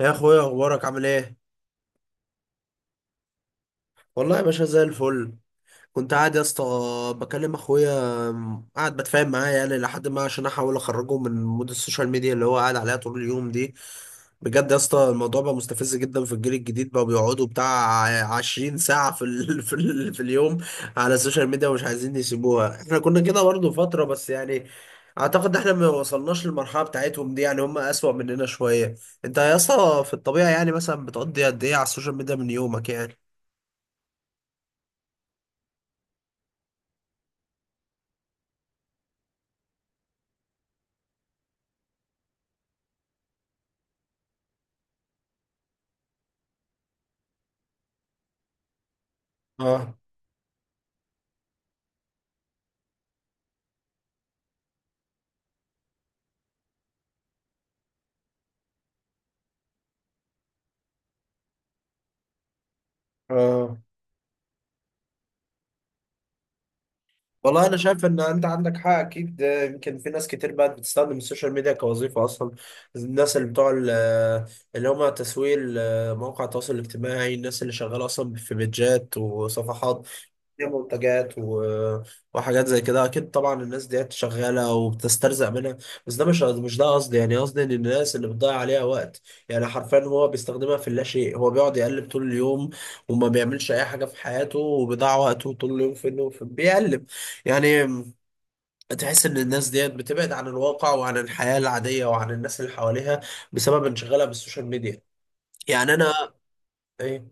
يا اخويا، اخبارك عامل ايه؟ والله يا باشا زي الفل. كنت قاعد يا اسطى بكلم اخويا، قاعد بتفاهم معاه يعني لحد ما، عشان احاول اخرجه من مود السوشيال ميديا اللي هو قاعد عليها طول اليوم دي. بجد يا اسطى الموضوع بقى مستفز جدا. في الجيل الجديد بقى بيقعدوا بتاع 20 ساعة في اليوم على السوشيال ميديا ومش عايزين يسيبوها. احنا كنا كده برضه فترة، بس يعني اعتقد احنا ما وصلناش للمرحلة بتاعتهم دي، يعني هم اسوأ مننا شوية. انت يا اسطى في الطبيعة يعني مثلا بتقضي قد ايه على السوشيال ميديا من يومك يعني؟ اه. اه. والله انا شايف ان انت عندك حق، اكيد ده. يمكن في ناس كتير بقت بتستخدم السوشيال ميديا كوظيفه اصلا. الناس اللي بتوع اللي هم تسويق مواقع التواصل الاجتماعي، الناس اللي شغاله اصلا في بيدجات وصفحات، هي منتجات وحاجات زي كده، اكيد طبعا الناس ديت شغاله وبتسترزق منها. بس ده مش ده قصدي. يعني قصدي ان الناس اللي بتضيع عليها وقت، يعني حرفيا هو بيستخدمها في اللا شيء. هو بيقعد يقلب طول اليوم وما بيعملش اي حاجه في حياته، وبيضيع وقته طول اليوم في انه بيقلب يعني. تحس ان الناس ديت بتبعد عن الواقع وعن الحياه العاديه وعن الناس اللي حواليها، بسبب انشغالها بالسوشيال ميديا. يعني انا، إيه،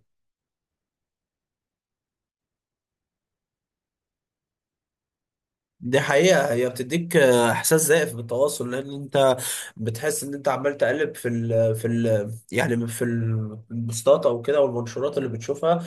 دي حقيقة. هي بتديك إحساس زائف بالتواصل، لأن أنت بتحس إن أنت عمال تقلب في ال البوستات أو كده والمنشورات اللي بتشوفها.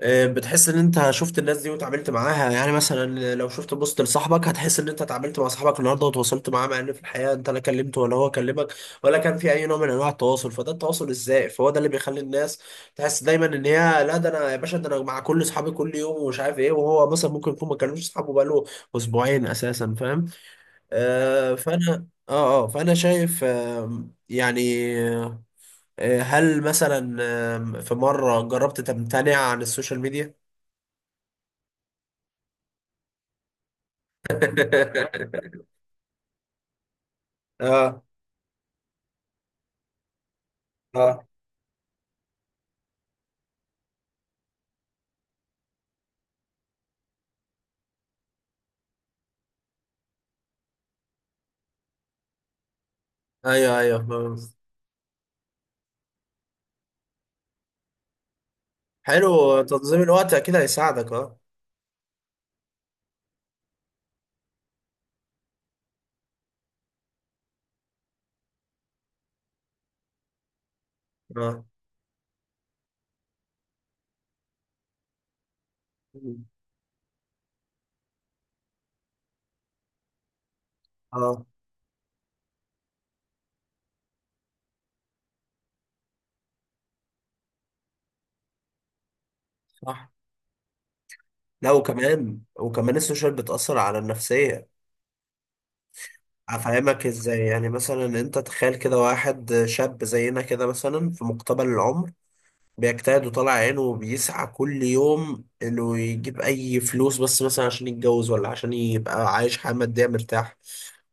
بتحس ان انت شفت الناس دي وتعاملت معاها. يعني مثلا لو شفت بوست لصاحبك هتحس ان انت اتعاملت مع صاحبك النهارده وتواصلت معاه، مع ان في الحقيقه انت لا كلمته ولا هو كلمك، ولا كان في اي نوع من انواع التواصل. فده التواصل ازاي؟ فهو ده اللي بيخلي الناس تحس دايما ان هي، لا ده انا يا باشا، ده انا مع كل اصحابي كل يوم ومش عارف ايه، وهو مثلا ممكن يكون ما كلمش اصحابه بقاله اسبوعين اساسا، فاهم؟ آه فانا اه اه فانا شايف، يعني. هل مثلا في مره جربت تمتنع عن السوشيال ميديا؟ اه. اه. ايوه، ايوه، فاهم. حلو، تنظيم الوقت اكيد هيساعدك. اه. اه. اه. صح. لا، وكمان وكمان السوشيال بتأثر على النفسية. هفهمك ازاي؟ يعني مثلا انت تخيل كده واحد شاب زينا كده، مثلا في مقتبل العمر، بيجتهد وطالع عينه وبيسعى كل يوم انه يجيب اي فلوس، بس مثلا عشان يتجوز، ولا عشان يبقى عايش حياة مادية مرتاح.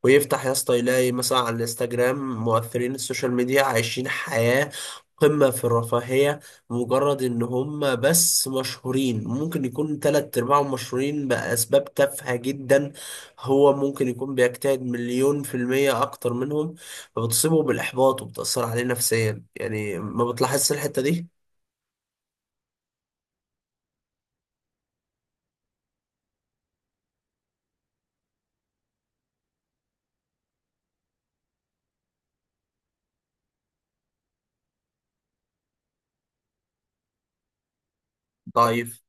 ويفتح يا اسطى يلاقي مثلا على الانستجرام مؤثرين السوشيال ميديا عايشين حياة قمة في الرفاهية، مجرد ان هم بس مشهورين. ممكن يكون تلات ارباعهم مشهورين بأسباب تافهة جدا، هو ممكن يكون بيجتهد مليون في المية اكتر منهم. فبتصيبه بالاحباط وبتأثر عليه نفسيا. يعني ما بتلاحظش الحتة دي؟ ضعيف.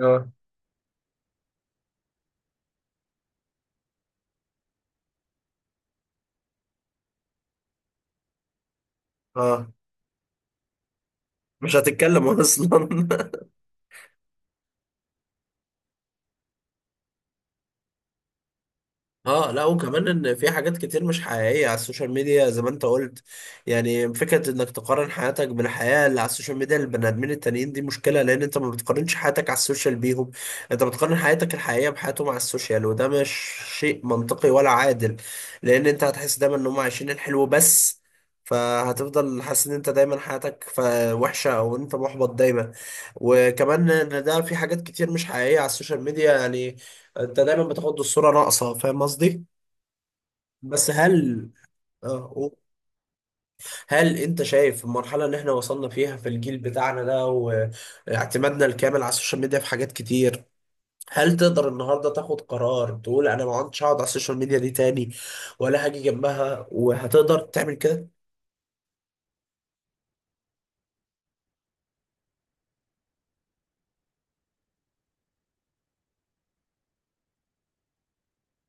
اه. اه. مش هتتكلم اصلا. اه، لا وكمان ان في حاجات كتير مش حقيقيه على السوشيال ميديا زي ما انت قلت. يعني فكره انك تقارن حياتك بالحياه اللي على السوشيال ميديا للبني ادمين التانيين دي مشكله، لان انت ما بتقارنش حياتك على السوشيال بيهم، انت بتقارن حياتك الحقيقيه بحياتهم على السوشيال، وده مش شيء منطقي ولا عادل. لان انت هتحس دايما ان هم عايشين الحلو بس، فهتفضل حاسس ان انت دايما حياتك وحشه، او انت محبط دايما. وكمان ان ده في حاجات كتير مش حقيقيه على السوشيال ميديا، يعني انت دايما بتاخد الصورة ناقصة، فاهم قصدي؟ بس هل، آه، هل انت شايف المرحلة اللي احنا وصلنا فيها في الجيل بتاعنا ده، واعتمادنا الكامل على السوشيال ميديا في حاجات كتير، هل تقدر النهاردة تاخد قرار تقول انا ما عدتش هقعد على السوشيال ميديا دي تاني، ولا هاجي جنبها وهتقدر تعمل كده؟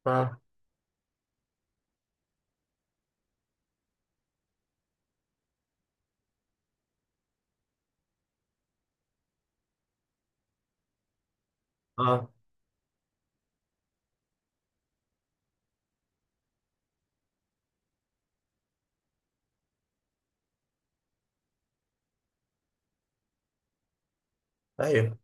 اه. اه. ايوه.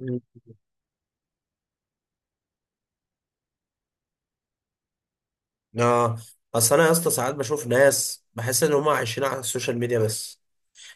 مم. اه. اصل انا يا اسطى ساعات بشوف ناس بحس ان هم عايشين على السوشيال ميديا بس.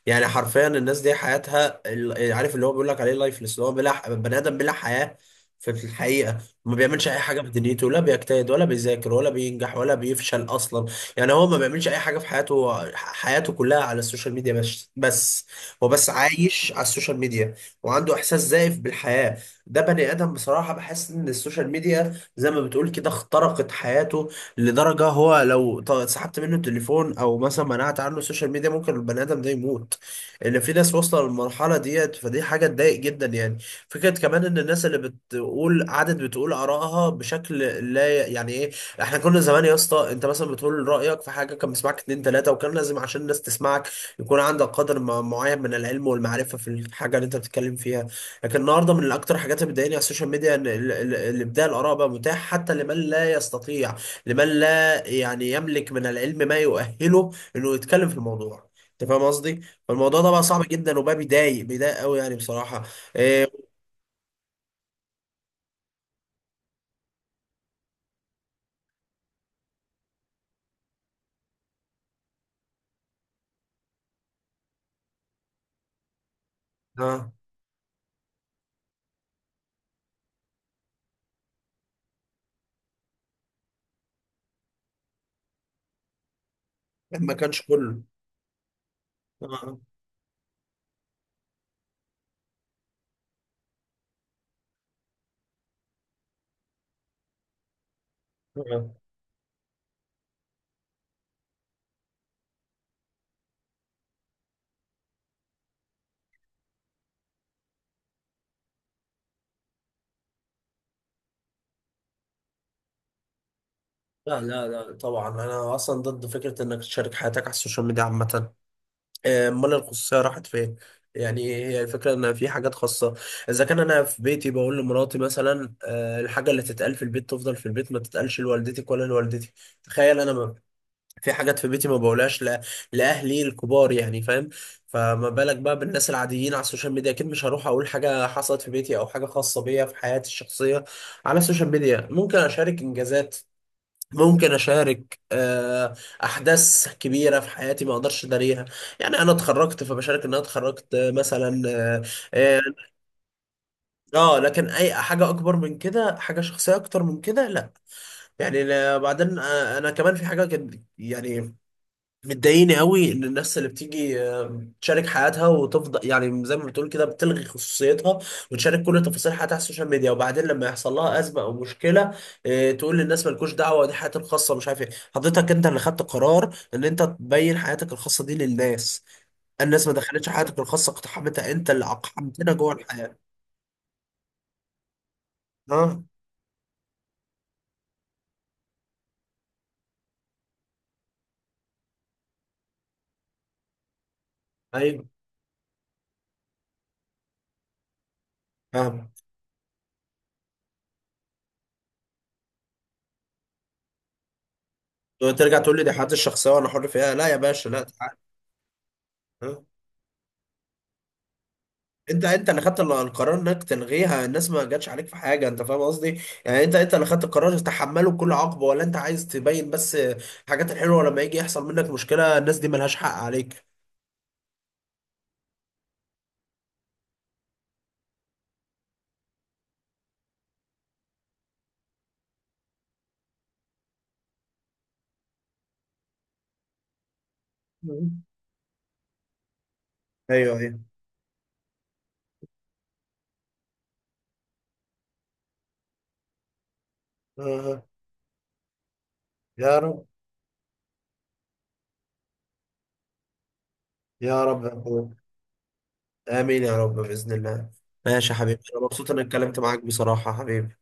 يعني حرفيا الناس دي حياتها عارف اللي هو بيقول لك عليه لايفلس، اللي هو بلا بني ادم بلا حياه. في في الحقيقه ما بيعملش اي حاجه في دنيته، لا بيجتهد ولا بيذاكر ولا بينجح ولا بيفشل اصلا. يعني هو ما بيعملش اي حاجه في حياته، هو حياته كلها على السوشيال ميديا بس. هو بس عايش على السوشيال ميديا وعنده احساس زائف بالحياه. ده بني ادم بصراحه بحس ان السوشيال ميديا زي ما بتقول كده اخترقت حياته، لدرجة هو لو سحبت منه التليفون أو مثلا منعت عنه السوشيال ميديا ممكن البني آدم ده يموت. ان في ناس واصله للمرحله ديت، فدي حاجه تضايق جدا يعني. فكره كمان ان الناس اللي بتقول، قعدت بتقول ارائها بشكل، لا يعني ايه، احنا كنا زمان يا اسطى، انت مثلا بتقول رايك في حاجه كان بيسمعك اتنين تلاته، وكان لازم عشان الناس تسمعك يكون عندك قدر معين من العلم والمعرفه في الحاجه اللي انت بتتكلم فيها. لكن النهارده من اكتر الحاجات اللي بتضايقني على السوشيال ميديا ان الابداع الاراء بقى متاح حتى لمن لا يستطيع، لمن لا يعني يملك من العلم ما يؤهله انه يتكلم في الموضوع، انت فاهم قصدي؟ فالموضوع ده بقى صعب جدا، وبقى بيضايق قوي يعني بصراحة. إيه. آه. ما كانش كله. آه. آه. لا لا لا، طبعا انا اصلا ضد فكرة انك تشارك حياتك على السوشيال ميديا عامة. امال الخصوصية راحت فين؟ يعني هي الفكرة ان في حاجات خاصة. اذا كان انا في بيتي بقول لمراتي مثلا الحاجة اللي تتقال في البيت تفضل في البيت، ما تتقالش لوالدتك ولا لوالدتي. تخيل انا في حاجات في بيتي ما بقولهاش لاهلي الكبار يعني، فاهم؟ فما بالك بقى بالناس العاديين على السوشيال ميديا؟ اكيد مش هروح اقول حاجه حصلت في بيتي او حاجه خاصه بيا في حياتي الشخصيه على السوشيال ميديا. ممكن اشارك انجازات، ممكن اشارك احداث كبيره في حياتي ما اقدرش اداريها. يعني انا اتخرجت فبشارك ان انا اتخرجت، مثلا. اه. آه، لكن اي حاجه اكبر من كده، حاجه شخصيه اكتر من كده، لا. يعني بعدين انا كمان في حاجه يعني مضايقني قوي، ان الناس اللي بتيجي تشارك حياتها وتفضل يعني زي ما بتقول كده بتلغي خصوصيتها، وتشارك كل تفاصيل حياتها على السوشيال ميديا، وبعدين لما يحصل لها ازمه او مشكله تقول للناس مالكوش دعوه، دي حياتي الخاصه مش عارف ايه. حضرتك انت اللي خدت قرار ان انت تبين حياتك الخاصه دي للناس، الناس ما دخلتش حياتك الخاصه، اقتحمتها، انت اللي اقحمتنا جوه الحياه. اه، ايوه، فاهم. ترجع تقول لي دي حياتي الشخصيه وانا حر فيها، لا يا باشا، لا تعال. آه. انت، انت اللي خدت القرار انك تلغيها، الناس ما جاتش عليك في حاجه، انت فاهم قصدي؟ يعني انت، انت اللي خدت القرار تتحمله بكل عقبه، ولا انت عايز تبين بس الحاجات الحلوه، لما يجي يحصل منك مشكله الناس دي ملهاش حق عليك. مم. ايوه، ايوه. آه. يا رب. يا رب يا اخويا. امين يا رب باذن الله. ماشي يا حبيبي، انا مبسوط اني اتكلمت معاك بصراحه يا حبيبي.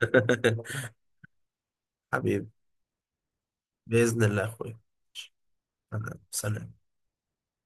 حبيبي. باذن الله يا اخويا. سلام.